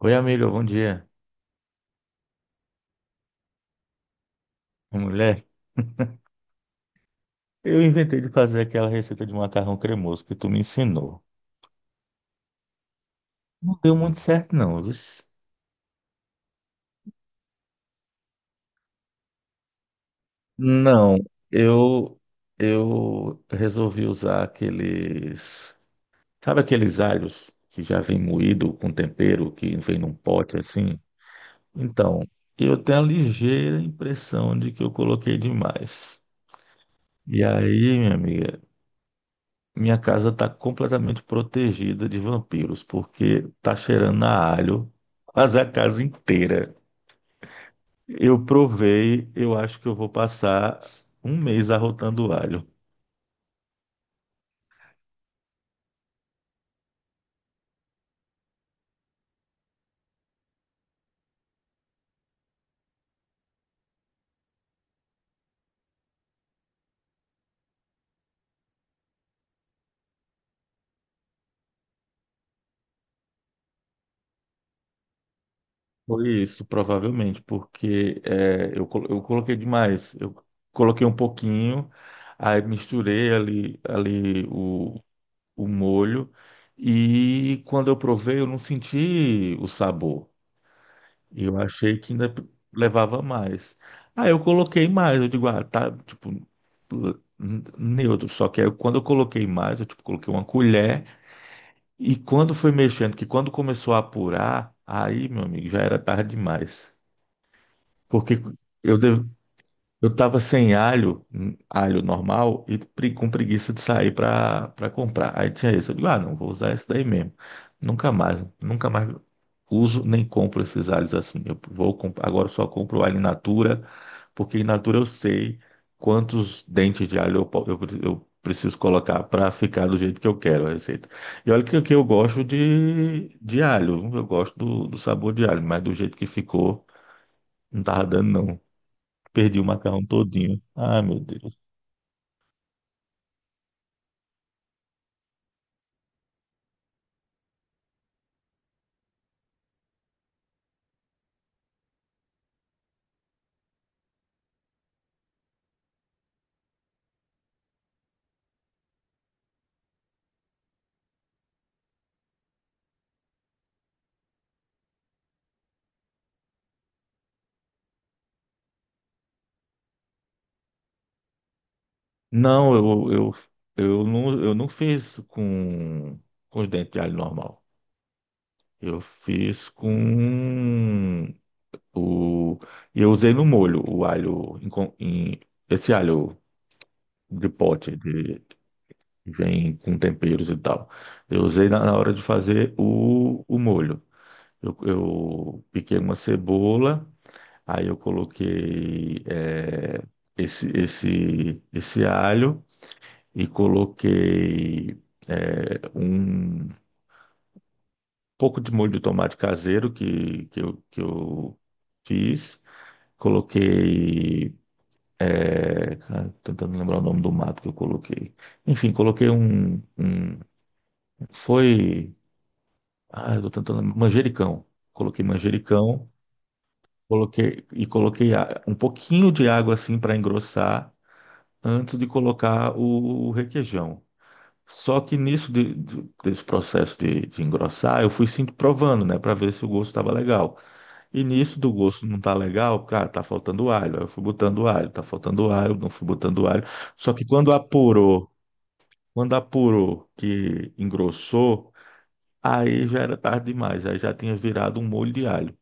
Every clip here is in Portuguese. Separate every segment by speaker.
Speaker 1: Oi, amiga, bom dia. Mulher, eu inventei de fazer aquela receita de macarrão cremoso que tu me ensinou. Não deu muito certo, não. Luiz. Não, eu eu resolvi usar aqueles, sabe aqueles alhos que já vem moído com tempero, que vem num pote assim? Então, eu tenho a ligeira impressão de que eu coloquei demais. E aí, minha amiga, minha casa está completamente protegida de vampiros, porque tá cheirando a alho, mas a casa inteira. Eu provei, eu acho que eu vou passar um mês arrotando alho. Foi isso, provavelmente, porque é, eu, col- eu coloquei demais. Eu coloquei um pouquinho, aí misturei ali, o molho, e quando eu provei, eu não senti o sabor. E eu achei que ainda levava mais. Aí eu coloquei mais, eu digo, ah, tá, tipo, neutro. Só que aí quando eu coloquei mais, eu tipo, coloquei uma colher. E quando foi mexendo, que quando começou a apurar, aí, meu amigo, já era tarde demais. Porque eu eu tava sem alho, alho normal, e com preguiça de sair pra comprar. Aí tinha isso. Eu digo, ah, não, vou usar esse daí mesmo. Nunca mais, nunca mais uso nem compro esses alhos assim. Eu vou, agora eu só compro alho in natura, porque in natura eu sei quantos dentes de alho eu preciso colocar pra ficar do jeito que eu quero a receita. E olha que eu gosto de alho, eu gosto do sabor de alho, mas do jeito que ficou, não tava dando não. Perdi o macarrão todinho. Ah, meu Deus. Não, eu não fiz com os dentes de alho normal. Eu fiz com o. E eu usei no molho o alho, esse alho de pote, que vem com temperos e tal. Eu usei na hora de fazer o molho. Eu piquei uma cebola, aí eu coloquei esse alho. E coloquei é, um pouco de molho de tomate caseiro que eu fiz. Coloquei. É, cara, tentando lembrar o nome do mato que eu coloquei. Enfim, coloquei um. Um- foi. Ah, eu tô tentando lembrar, manjericão. Coloquei manjericão, coloquei e um pouquinho de água assim para engrossar antes de colocar o requeijão. Só que desse processo de engrossar, eu fui sim provando, né, para ver se o gosto estava legal. E nisso do gosto não tá legal, cara, tá faltando alho. Aí eu fui botando alho, tá faltando alho, não fui botando alho. Só que quando apurou que engrossou, aí já era tarde demais, aí já tinha virado um molho de alho.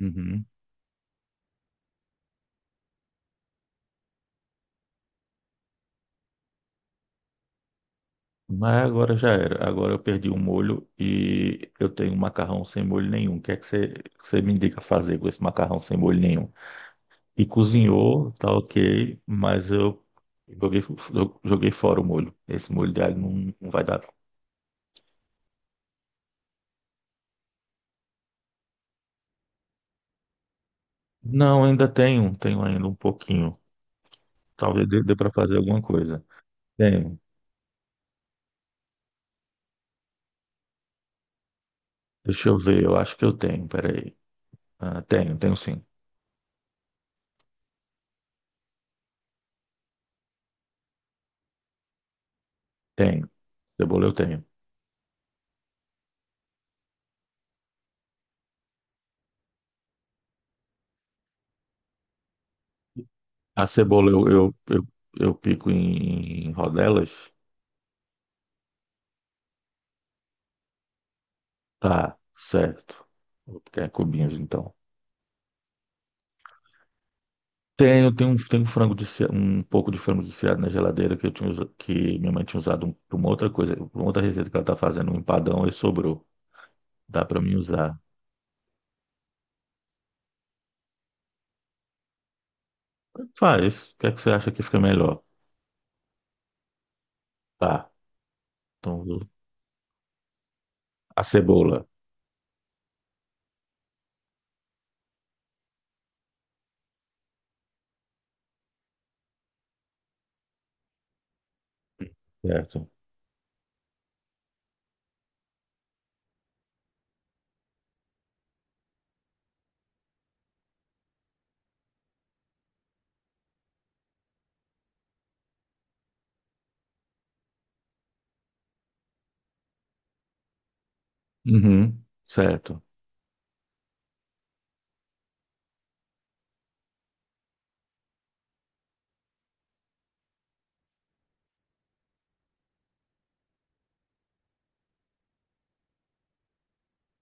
Speaker 1: Uhum. Mas agora já era. Agora eu perdi o molho e eu tenho um macarrão sem molho nenhum. O que é que você me indica fazer com esse macarrão sem molho nenhum? E cozinhou, tá ok, mas eu joguei, eu joguei fora o molho. Esse molho de alho não, não vai dar. Não, ainda tenho, tenho ainda um pouquinho. Talvez dê para fazer alguma coisa. Tenho. Deixa eu ver, eu acho que eu tenho, peraí. Ah, tenho, tenho sim. Tenho. Cebola eu tenho. A cebola eu pico em rodelas? Tá, certo. Vou picar em cubinhos então. Tenho um frango um pouco de frango desfiado na geladeira que eu que minha mãe tinha usado para uma outra coisa, para uma outra receita que ela tá fazendo, um empadão e sobrou. Dá para mim usar. Faz. O que é que você acha que fica melhor? Tá. Então, a cebola. Certo. Uhum, certo.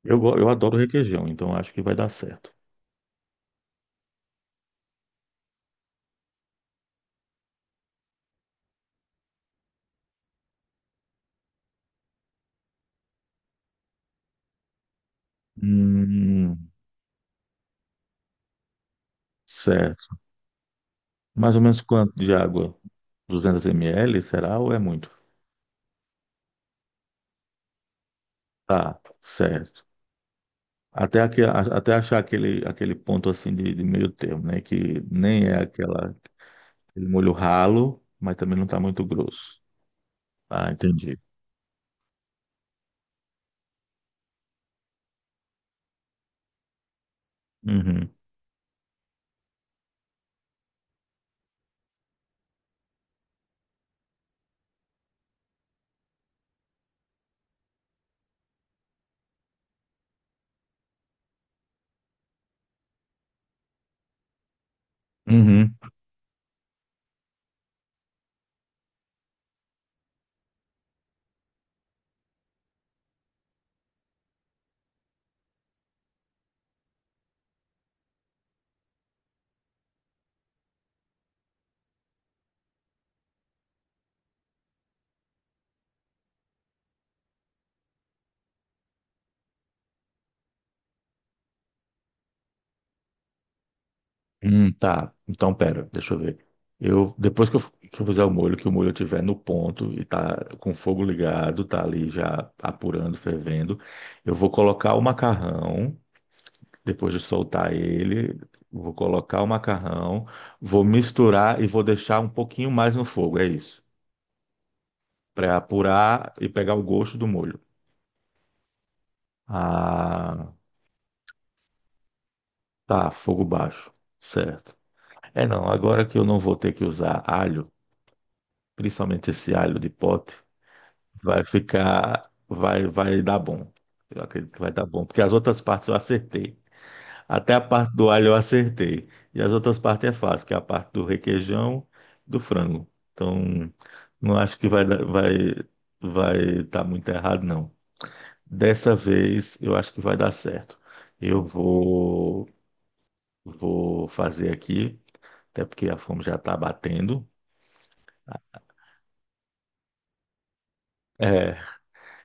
Speaker 1: Eu, eu adoro requeijão, então acho que vai dar certo. Hum, certo. Mais ou menos quanto de água? 200 ml, será ou é muito? Tá, certo. Até, até achar aquele, aquele ponto assim de meio termo, né? Que nem é aquela, aquele molho ralo, mas também não está muito grosso. Ah, entendi. Uhum. Uhum. Tá. Então, pera, deixa eu ver. Eu, depois que que eu fizer o molho, que o molho estiver no ponto e tá com o fogo ligado, tá ali já apurando, fervendo, eu vou colocar o macarrão, depois de soltar ele, vou colocar o macarrão, vou misturar e vou deixar um pouquinho mais no fogo, é isso. Para apurar e pegar o gosto do molho. Ah, tá, fogo baixo, certo. É não, agora que eu não vou ter que usar alho, principalmente esse alho de pote, vai ficar, vai, vai dar bom. Eu acredito que vai dar bom, porque as outras partes eu acertei. Até a parte do alho eu acertei. E as outras partes é fácil, que é a parte do requeijão, do frango. Então, não acho que vai vai estar muito errado, não. Dessa vez eu acho que vai dar certo. Eu vou, vou fazer aqui, até porque a fome já está batendo. É,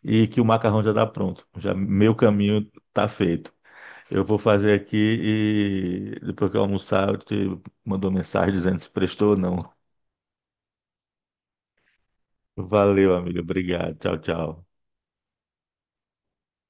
Speaker 1: e que o macarrão já está pronto. Já meu caminho está feito. Eu vou fazer aqui e depois que eu almoçar, eu te mando uma mensagem dizendo se prestou ou não. Valeu, amigo. Obrigado. Tchau, tchau.